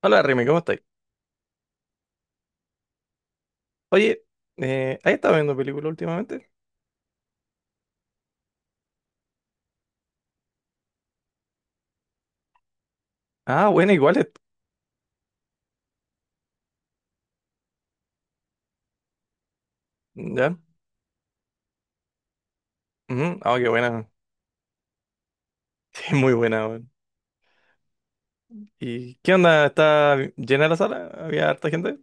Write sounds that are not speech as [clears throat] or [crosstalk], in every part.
Hola Remy, ¿cómo estáis? Oye, ¿has estado viendo películas últimamente? Ah, buena, igual es. ¿Ya? Ujú. Ah, qué buena. [laughs] Qué muy buena, weón. ¿Y qué onda? ¿Está llena la sala? ¿Había harta gente?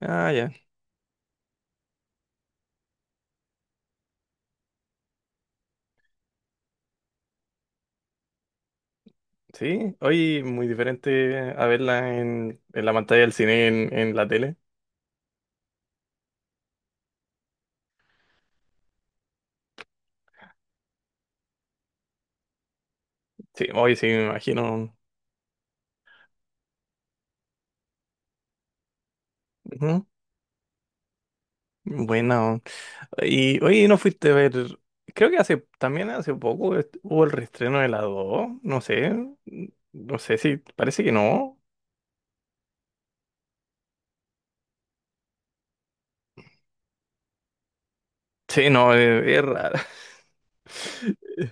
Ah, ya. Sí, hoy muy diferente a verla en la pantalla del cine, en la tele. Sí, hoy sí, me imagino. Ujú. Buena, weón. Y hoy no fuiste a ver. Creo que hace también hace poco hubo el reestreno de la 2. No sé. No sé si. Parece que no. Sí, no, es raro. [laughs]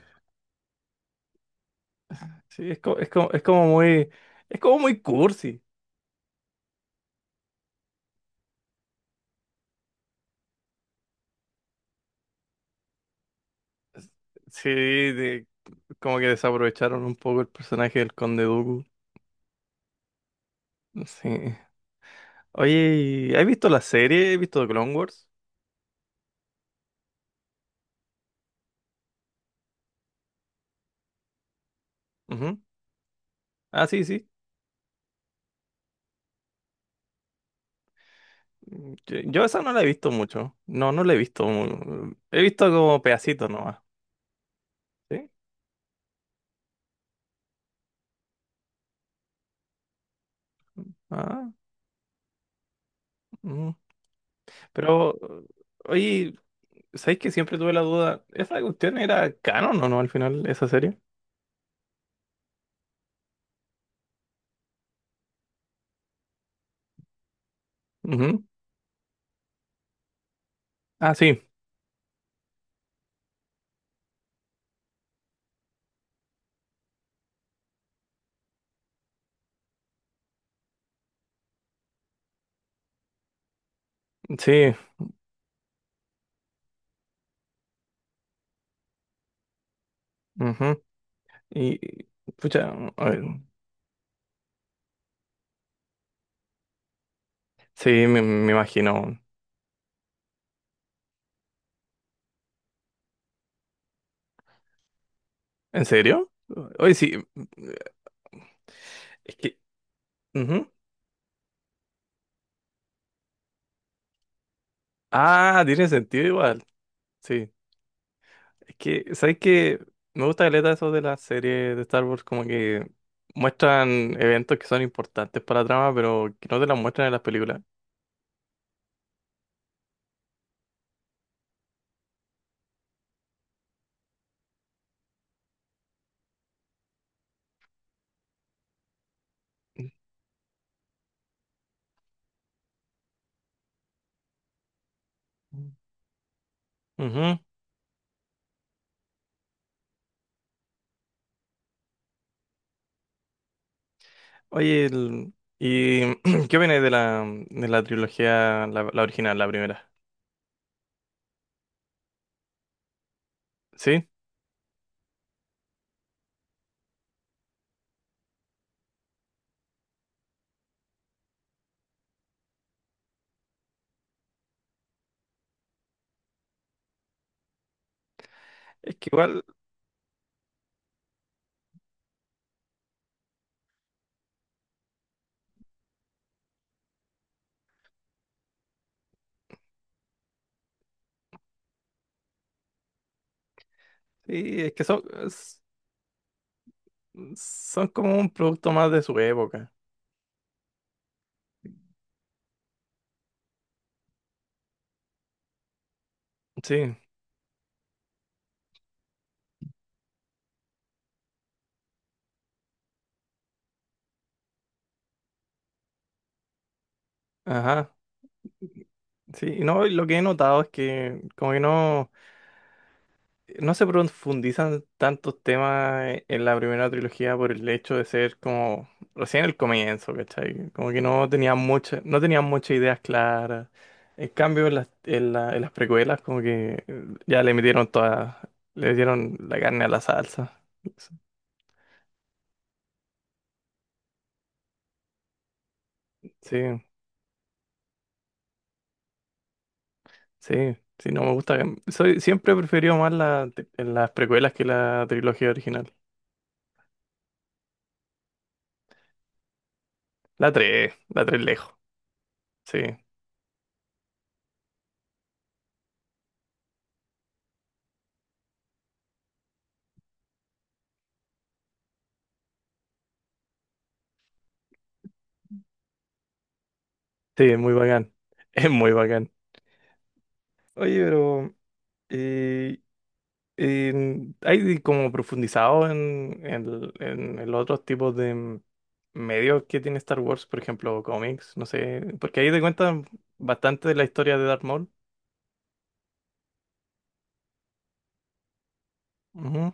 Sí, es, es como muy cursi. Sí, como que desaprovecharon un poco el personaje del Conde Dooku. Sí. Oye, ¿has visto la serie? ¿Has visto The Clone Wars? Ujú. Ah, sí, sí. Mm, yo esa no la he visto mucho. No, no la he visto. He visto como pedacitos nomás. ¿Sí? Ah, mm. Pero, oye, ¿sabéis que siempre tuve la duda? ¿Esa cuestión era canon o no al final, esa serie? Ujú. Ah, sí. Sí, ujú. Y, pucha, a sí, me imagino. ¿En serio? Oye, sí, mm, mm, es que, ujú. Ah, tiene sentido igual, sí. Es que, ¿sabes qué? Me gusta caleta eso de las series de Star Wars, como que muestran eventos que son importantes para la trama, pero que no te las muestran en las películas. Ujú. Oye, ¿y [clears throat] qué opinas de la trilogía, la original, la primera? Sí, es que igual, sí, es que son, son como un producto más de su época. Sí, ajá. Sí, y no, y lo que he notado es que como que no, no se profundizan tantos temas en la primera trilogía por el hecho de ser como recién el comienzo, ¿cachai? Como que no tenían muchas, no tenían muchas ideas claras. En cambio, en las, en las precuelas como que ya le metieron toda, le dieron la carne a la salsa. Sí. Sí, sí, no me gusta. Soy, siempre he preferido más la, las precuelas que la trilogía original. La 3 lejos. Sí, sí, es muy bacán. [laughs] Es muy bacán. Oye, pero eh, ¿hay como profundizado en el otros tipos de medios que tiene Star Wars? Por ejemplo, cómics, no sé. Porque ahí te cuentan bastante de la historia de Darth Maul. Ujú,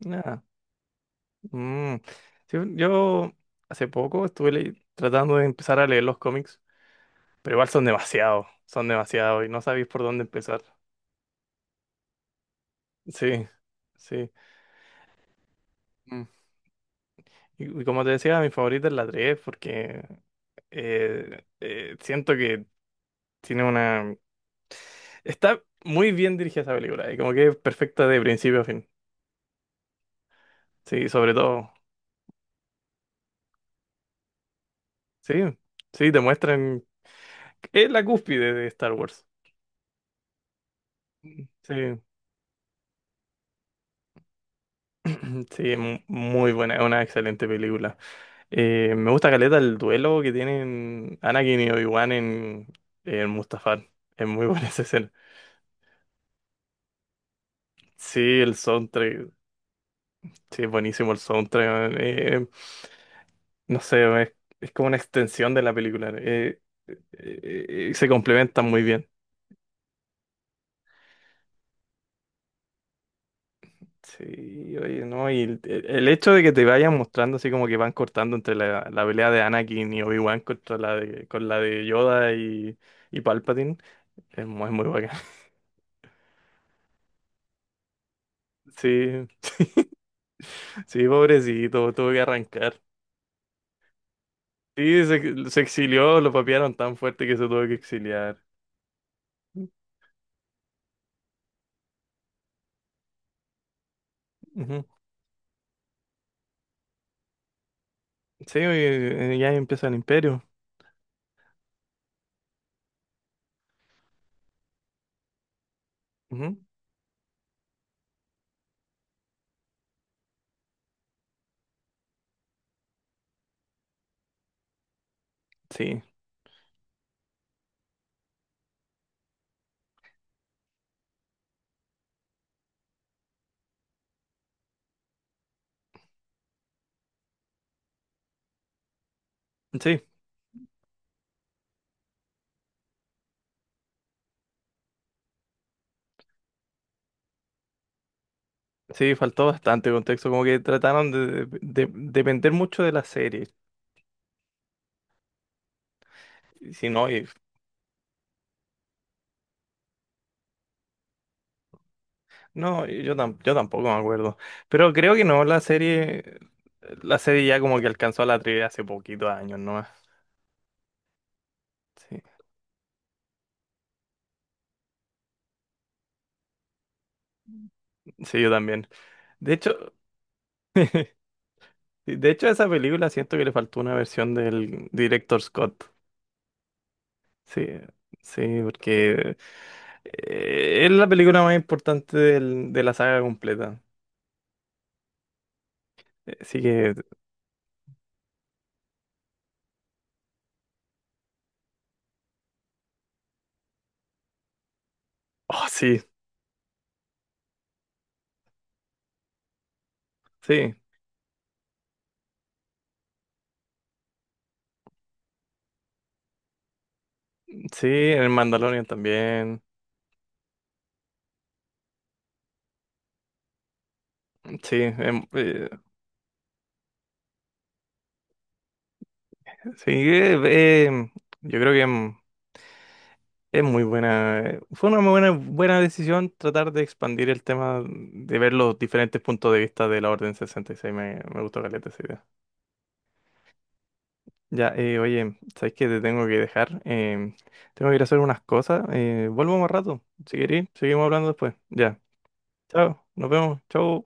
nada. Mm, sí, yo hace poco estuve tratando de empezar a leer los cómics, pero igual son demasiados y no sabéis por dónde empezar. Sí, sí. Mm. Y como te decía, mi favorita es la 3 porque siento que tiene una... Está muy bien dirigida esa película y como que es perfecta de principio a fin. Sí, sobre todo. Sí, sí, te muestran... Es la cúspide de Star Wars. Sí, [clears throat] sí, muy buena, es una excelente película. Me gusta caleta el duelo que tienen Anakin y Obi-Wan en Mustafar. Es muy [laughs] buena esa escena. Sí, el soundtrack. Sí, es buenísimo el soundtrack, man. No sé, es como una extensión de la película. Se complementan muy bien. Sí, oye, no, y el hecho de que te vayan mostrando así como que van cortando entre la, la pelea de Anakin y Obi-Wan contra la de, con la de Yoda y Palpatine, es muy, muy bacán. [laughs] Sí, sí, pobrecito, tuve que arrancar. Sí, se exilió, lo papearon tan fuerte que se tuvo que exiliar. Ujú. Sí, ya empieza el imperio. Ujú. Sí, sí, sí, faltó bastante contexto, como que trataron de, depender mucho de la serie. Y si no, no, yo, yo tampoco me acuerdo. Pero creo que no, la serie ya como que alcanzó a la trivia hace poquitos años, ¿no? Sí, sí, yo también. De hecho, de hecho a esa película siento que le faltó una versión del director Scott. Sí, sí, porque es la película más importante de la saga completa. Así que, oh, sí, sí, sí, en el Mandalorian también. Sí, sí, eh, eh, yo creo que es muy buena. Eh, fue una muy buena, buena decisión tratar de expandir el tema, de ver los diferentes puntos de vista de la Orden 66. Me gustó caleta esa idea. Ya, oye, sabes que te tengo que dejar. Em, tengo que ir a hacer unas cosas. Eh, vuelvo más rato. Si querés, seguimos hablando después. Ya, chao, nos vemos, chao.